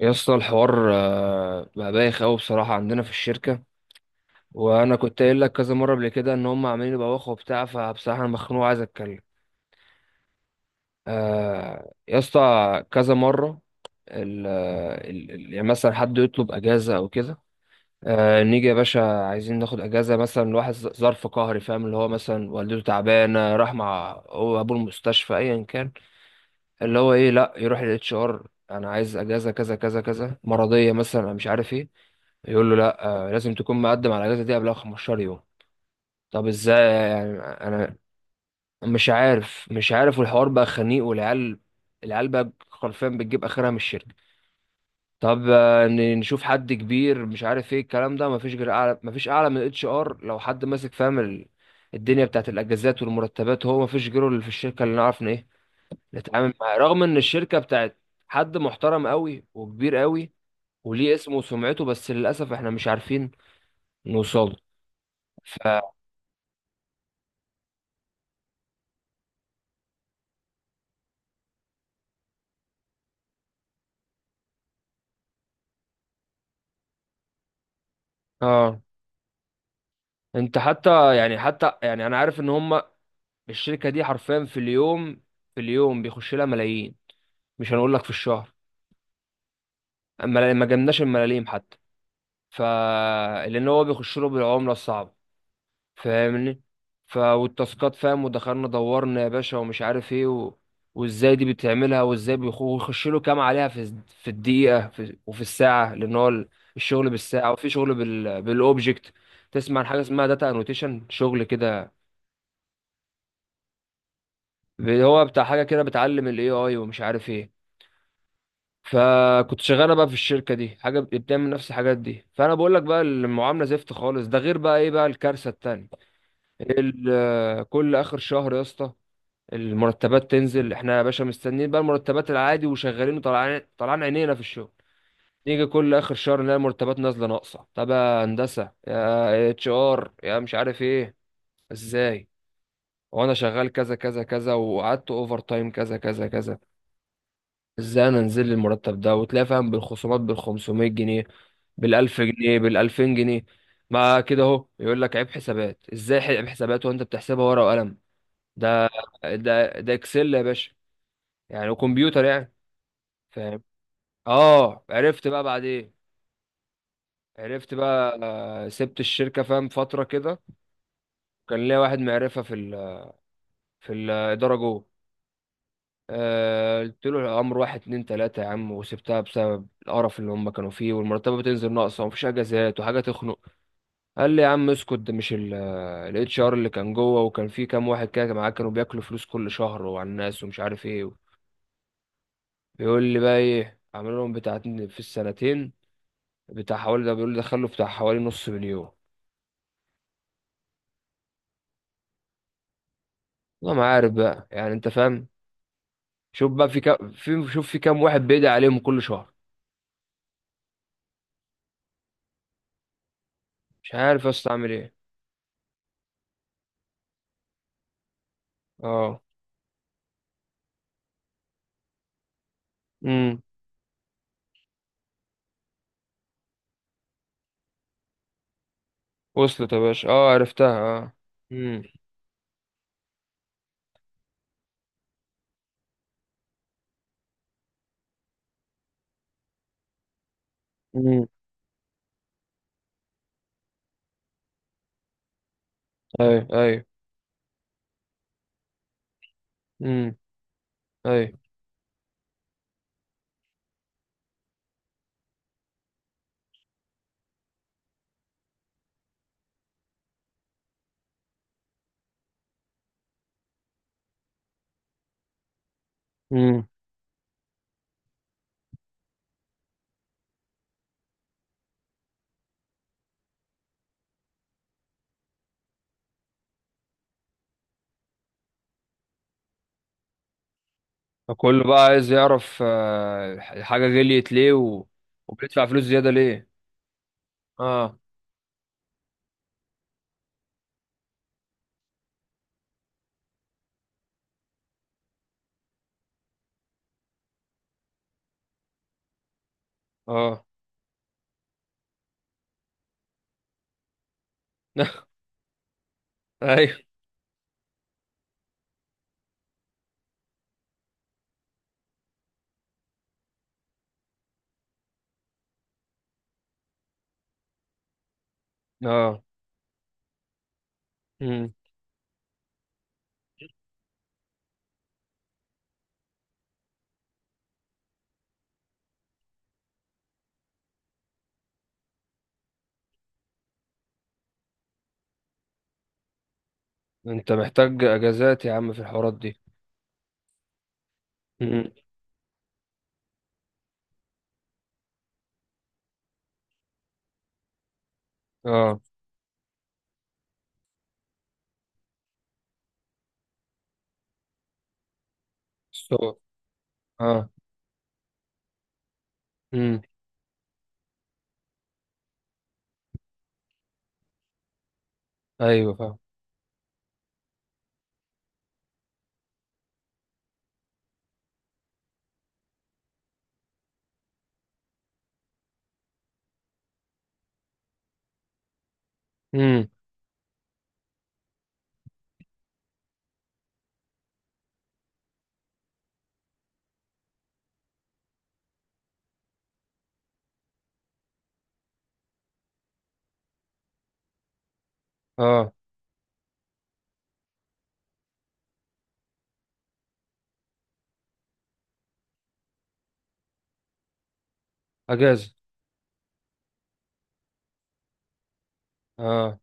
يا اسطى الحوار بقى بايخ قوي بصراحه عندنا في الشركه. وانا كنت قايل لك كذا مره قبل كده ان هم عاملين يبوخوا وبتاع، فبصراحه انا مخنوق عايز اتكلم. يا اسطى كذا مره ال آه، ال ال- يعني مثلا حد يطلب اجازه او كده. نيجي يا باشا عايزين ناخد اجازه مثلا لواحد ظرف قهري، فاهم؟ اللي هو مثلا والدته تعبانه راح مع هو ابوه المستشفى ايا كان. اللي هو ايه، لا يروح للاتش ار انا عايز اجازه كذا كذا كذا مرضيه مثلا، أنا مش عارف ايه. يقول له لا، لازم تكون مقدم على الاجازه دي قبلها 15 يوم. طب ازاي يعني انا مش عارف والحوار بقى خنيق والعيال. العيال بقى حرفيا بتجيب اخرها من الشركه. طب نشوف حد كبير مش عارف ايه الكلام ده، مفيش غير اعلى، مفيش اعلى من الاتش ار. لو حد ماسك فاهم الدنيا بتاعت الاجازات والمرتبات، هو مفيش غيره اللي في الشركه اللي نعرف إن ايه نتعامل معاه، رغم ان الشركه بتاعت حد محترم قوي وكبير قوي وليه اسمه وسمعته، بس للاسف احنا مش عارفين نوصله. ف اه انت حتى يعني انا عارف ان هم الشركه دي حرفيا في اليوم. في اليوم بيخش لها ملايين، مش هنقول لك في الشهر. اما ما جبناش الملاليم حتى. ف لان هو بيخش له بالعمله الصعبه، فاهمني؟ والتاسكات، فاهم؟ ودخلنا دورنا يا باشا ومش عارف ايه وازاي دي بتعملها، وازاي بيخش له كام عليها في في الدقيقه وفي الساعه، لان هو الشغل بالساعه وفي شغل بالاوبجكت. تسمع عن حاجه اسمها داتا انوتيشن شغل كده؟ هو بتاع حاجه كده بتعلم الاي اي ومش عارف ايه. فكنت شغاله بقى في الشركه دي حاجه بتعمل نفس الحاجات دي، فانا بقول لك بقى المعامله زفت خالص. ده غير بقى ايه، بقى الكارثه التانيه. كل اخر شهر يا اسطى المرتبات تنزل. احنا يا باشا مستنيين بقى المرتبات العادي وشغالين وطلعان طلعان عينينا في الشغل. نيجي كل اخر شهر نلاقي المرتبات نازله ناقصه. طب يا هندسه، يا اتش ار، يا مش عارف ايه، ازاي؟ وانا شغال كذا كذا كذا وقعدت اوفر تايم كذا كذا كذا، ازاي انا انزل لي المرتب ده؟ وتلاقي فاهم بالخصومات بال 500 جنيه، بال 1000 جنيه، بال 2000 جنيه. ما كده اهو، يقول لك عيب حسابات. ازاي عيب حسابات وانت بتحسبها ورقه وقلم؟ ده ده ده اكسل يا باشا يعني، وكمبيوتر يعني، فاهم؟ اه، عرفت بقى بعدين. عرفت بقى، سبت الشركة فاهم فترة كده. كان ليا واحد معرفة في في الإدارة جوه. قلت له الأمر واحد اتنين تلاتة يا عم، وسبتها بسبب القرف اللي هم كانوا فيه، والمرتبة بتنزل ناقصة، ومفيش أجازات، وحاجة تخنق. قال لي يا عم اسكت، ده مش اتش ار اللي كان جوه وكان فيه كام واحد كده معاه كانوا بياكلوا فلوس كل شهر وعلى الناس ومش عارف ايه. بيقول لي بقى ايه عملوا لهم بتاع في السنتين، بتاع حوالي، ده بيقول لي دخلوا بتاع حوالي نص مليون. والله ما عارف بقى يعني، انت فاهم. شوف بقى في كام، شوف في كام واحد بيدعي عليهم كل شهر. مش عارف يا اسطى اعمل ايه. اه. امم. وصلت يا باشا، اه عرفتها، اه. امم. امم. ايوه، ايوه. امم. ايوه. امم. فكله بقى عايز يعرف الحاجة غليت ليه وبيدفع فلوس زيادة ليه. اه. اه. ايوه. اه. امم. انت محتاج اجازات يا عم في الحوارات دي. امم. اه. سو. اه. امم. ايوه. فاهم. اه. اجازه. اه.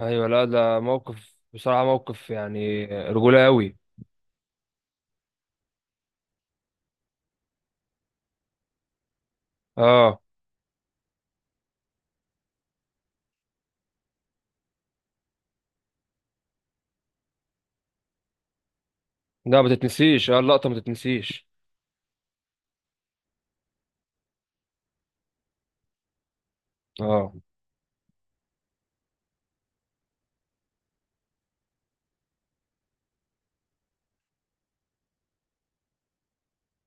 ايوه، لا ده موقف بصراحه، موقف يعني رجوله قوي. اه. لا ما تتنسيش، اه اللقطه ما تتنسيش. اه.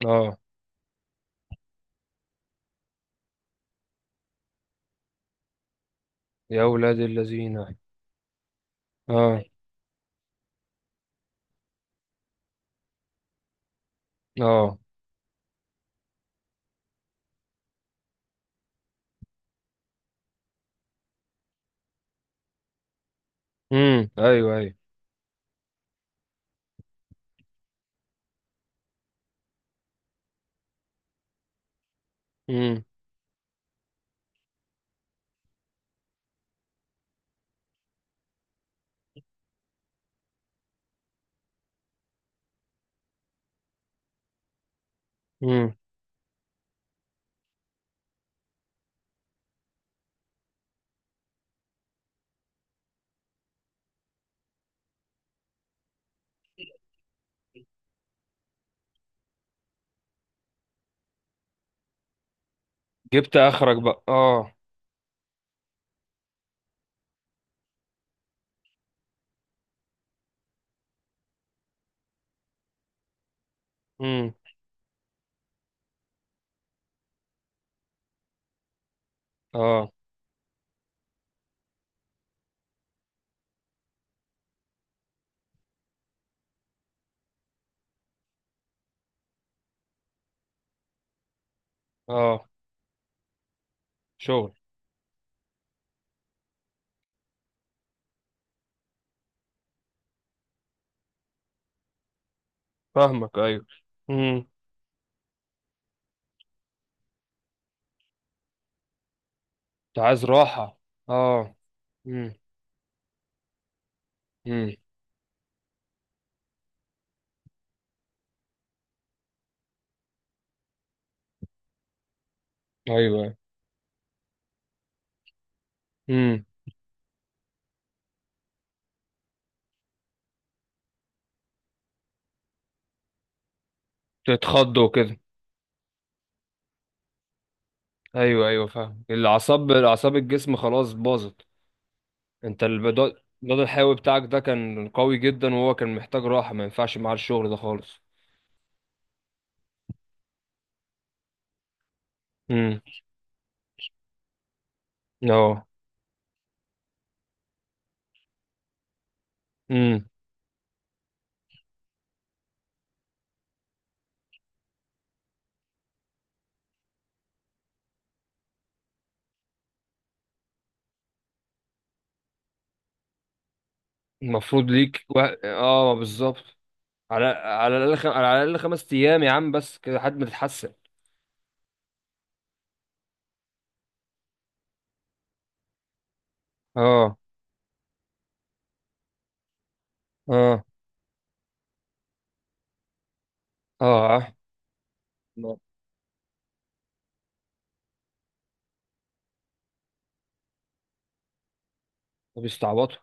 اه. يا اولاد الذين، اه. اه. امم. ايوه، ايوه. امم. امم. جبت اخرك بقى، اه. امم. اه. اه. شغل. فاهمك، ايوه. امم. انت عايز راحه. اه. امم. امم. ايوه، ايوه. امم. تتخضوا كده. ايوه، ايوه، فاهم. الاعصاب، اعصاب الجسم خلاص باظت. انت البدل، البدل الحيوي بتاعك ده كان قوي جدا، وهو كان محتاج راحه، ما ينفعش معاه الشغل ده خالص. امم. اه. امم. المفروض ليك اه بالظبط. على على الاقل، على الاقل خمس ايام يا عم بس كده لحد ما تتحسن. اه. اه. اه. آه. ما ما بيستعبطوا.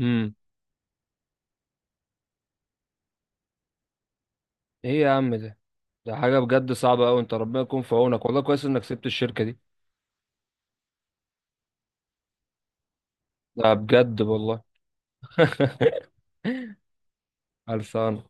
امم. ايه يا عم ده؟ ده حاجه بجد صعبه قوي. انت ربنا يكون في عونك، والله كويس انك سبت الشركه دي. ده بجد والله. خلصان.